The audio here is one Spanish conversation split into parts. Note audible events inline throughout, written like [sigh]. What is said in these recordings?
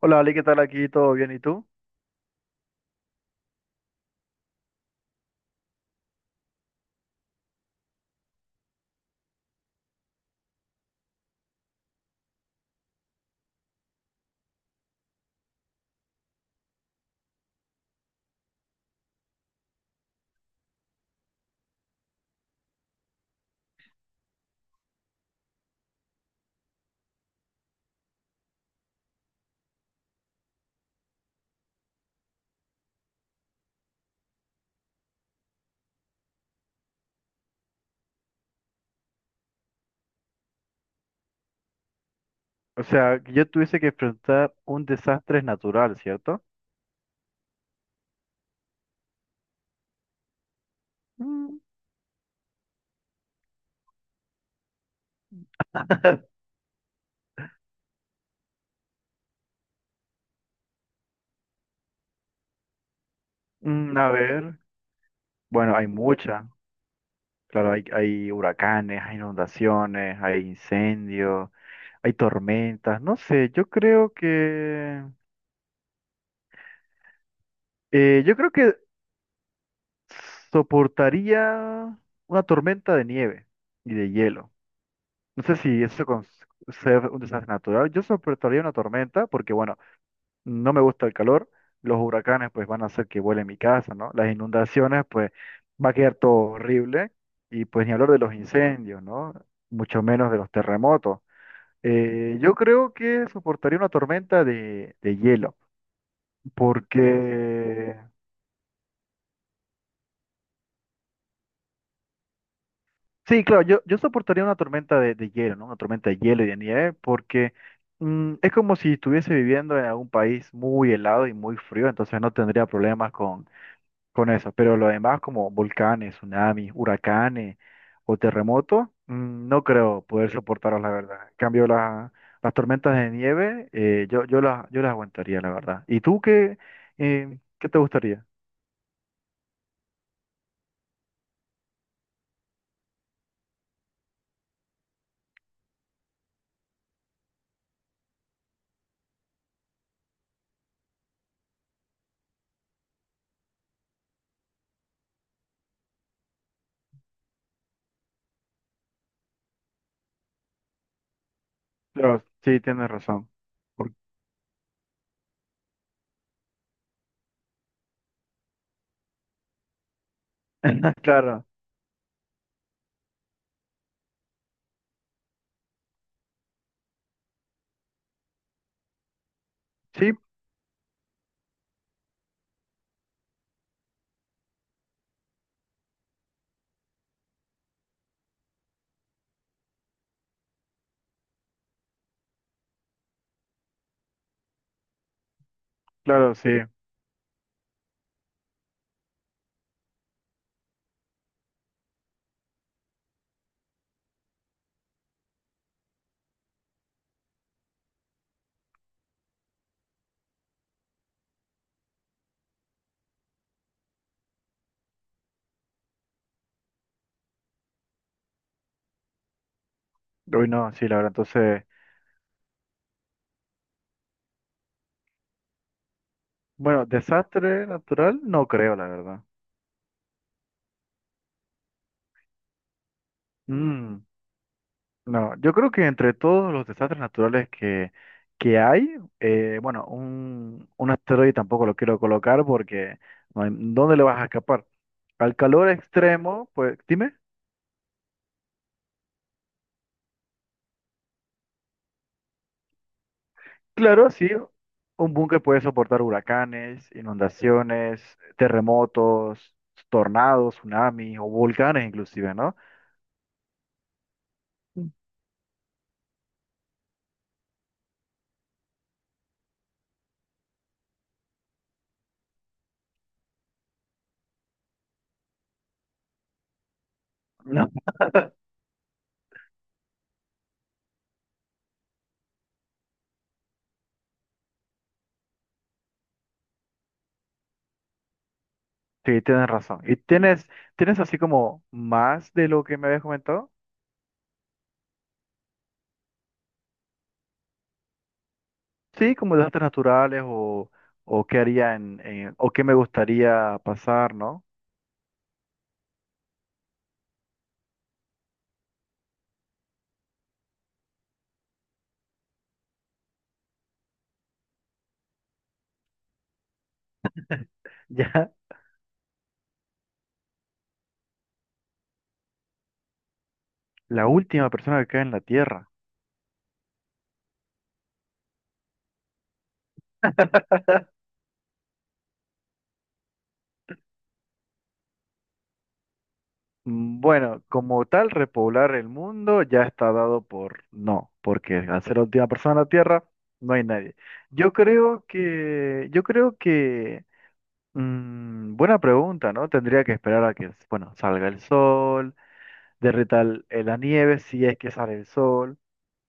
Hola, Ale, ¿qué tal aquí? ¿Todo bien? ¿Y tú? O sea, que yo tuviese que enfrentar un desastre natural, ¿cierto? Mm. [laughs] A ver, bueno, hay muchas. Claro, hay huracanes, hay inundaciones, hay incendios, hay tormentas. No sé, yo creo que yo creo que soportaría una tormenta de nieve y de hielo. No sé si eso con ser un desastre natural. Yo soportaría una tormenta porque, bueno, no me gusta el calor, los huracanes pues van a hacer que vuele mi casa, ¿no? Las inundaciones pues va a quedar todo horrible y pues ni hablar de los incendios, ¿no? Mucho menos de los terremotos. Yo creo que soportaría una tormenta de hielo, porque sí, claro, yo soportaría una tormenta de hielo, ¿no? Una tormenta de hielo y de nieve, porque es como si estuviese viviendo en algún país muy helado y muy frío, entonces no tendría problemas con eso, pero lo demás como volcanes, tsunamis, huracanes o terremotos, no creo poder soportarlos, la verdad. En cambio, las tormentas de nieve, yo las aguantaría, la verdad. ¿Y tú qué, qué te gustaría? Claro, sí, tienes razón. Por- [laughs] Claro, sí, claro, sí. Uy, no, sí, la verdad. Entonces, bueno, desastre natural, no creo, la verdad. Mm. No, yo creo que entre todos los desastres naturales que hay, bueno, un asteroide tampoco lo quiero colocar porque no hay, ¿dónde le vas a escapar? Al calor extremo, pues dime, claro, sí, un búnker puede soportar huracanes, inundaciones, terremotos, tornados, tsunamis o volcanes inclusive, ¿no? No, sí, tienes razón. ¿Y tienes, tienes así como más de lo que me habías comentado? Sí, como de artes naturales o qué haría o qué me gustaría pasar, ¿no? [laughs] Ya la última persona que cae en la Tierra. Bueno, como tal, repoblar el mundo ya está dado por no, porque al ser la última persona en la Tierra, no hay nadie. Yo creo que, buena pregunta, ¿no? Tendría que esperar a que, bueno, salga el sol, derrita la nieve si es que sale el sol.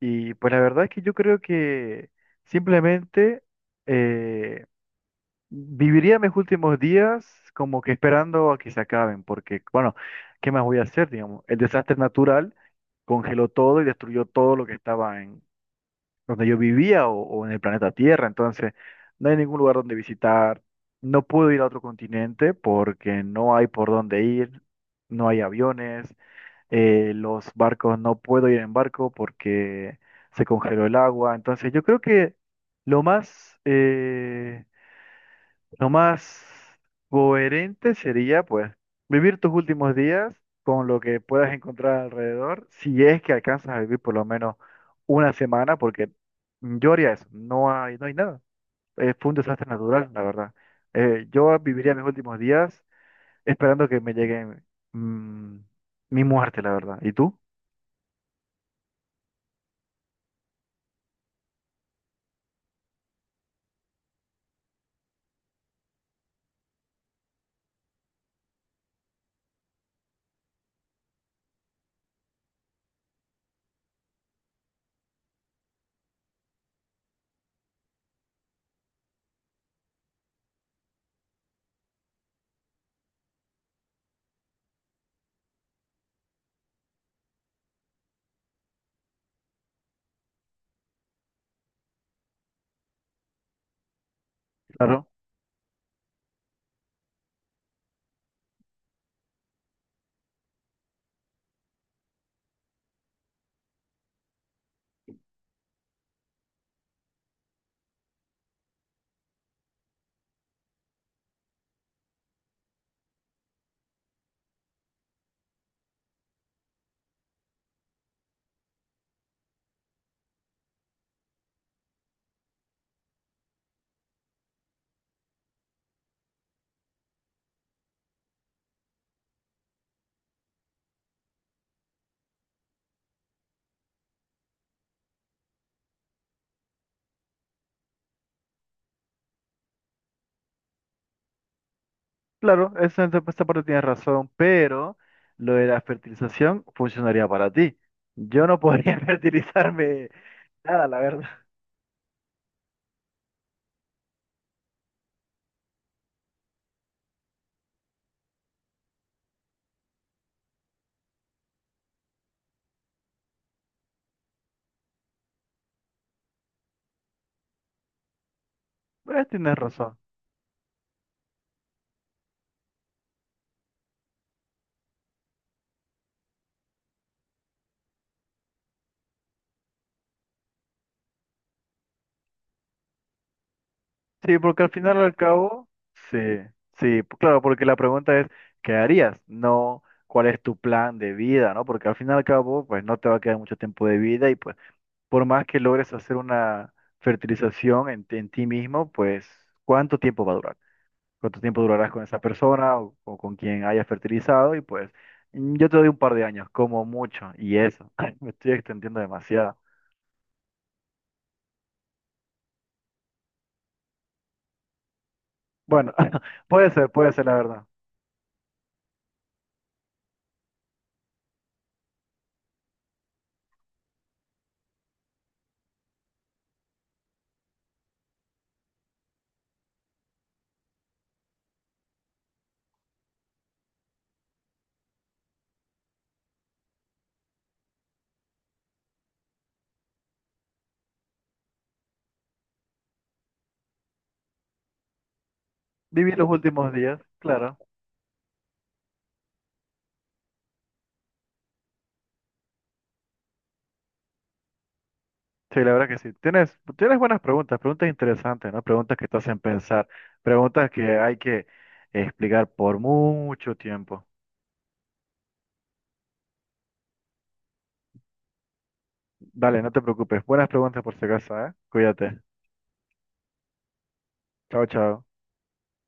Y pues la verdad es que yo creo que simplemente eh, viviría mis últimos días como que esperando a que se acaben, porque bueno, ¿qué más voy a hacer? Digamos, el desastre natural congeló todo y destruyó todo lo que estaba en donde yo vivía o en el planeta Tierra, entonces no hay ningún lugar donde visitar, no puedo ir a otro continente porque no hay por dónde ir, no hay aviones, los barcos no puedo ir en barco porque se congeló el agua. Entonces yo creo que lo más, eh, lo más coherente sería pues vivir tus últimos días con lo que puedas encontrar alrededor, si es que alcanzas a vivir por lo menos una semana, porque yo haría eso, no hay nada. Fue un desastre natural, la verdad. Yo viviría mis últimos días esperando que me llegue mm, mi muerte, la verdad. ¿Y tú? Claro, esa esa parte tienes razón, pero lo de la fertilización funcionaría para ti. Yo no podría [laughs] fertilizarme nada, la verdad. Pues tienes razón. Sí, porque al final al cabo, sí, sí, claro, porque la pregunta es, ¿qué harías? No, ¿cuál es tu plan de vida, no? Porque al final al cabo, pues no te va a quedar mucho tiempo de vida y pues por más que logres hacer una fertilización ti en ti mismo, pues ¿cuánto tiempo va a durar? Cuánto tiempo durarás con esa persona o con quien hayas fertilizado y pues yo te doy un par de años, como mucho, y eso, [laughs] me estoy extendiendo demasiado. Bueno, [laughs] puede ser la verdad. Viví los últimos días, claro. Sí, la verdad que sí. Tienes, tienes buenas preguntas, preguntas interesantes, ¿no? Preguntas que te hacen pensar, preguntas que hay que explicar por mucho tiempo. Dale, no te preocupes. Buenas preguntas por si acaso, ¿eh? Cuídate. Chao, chao.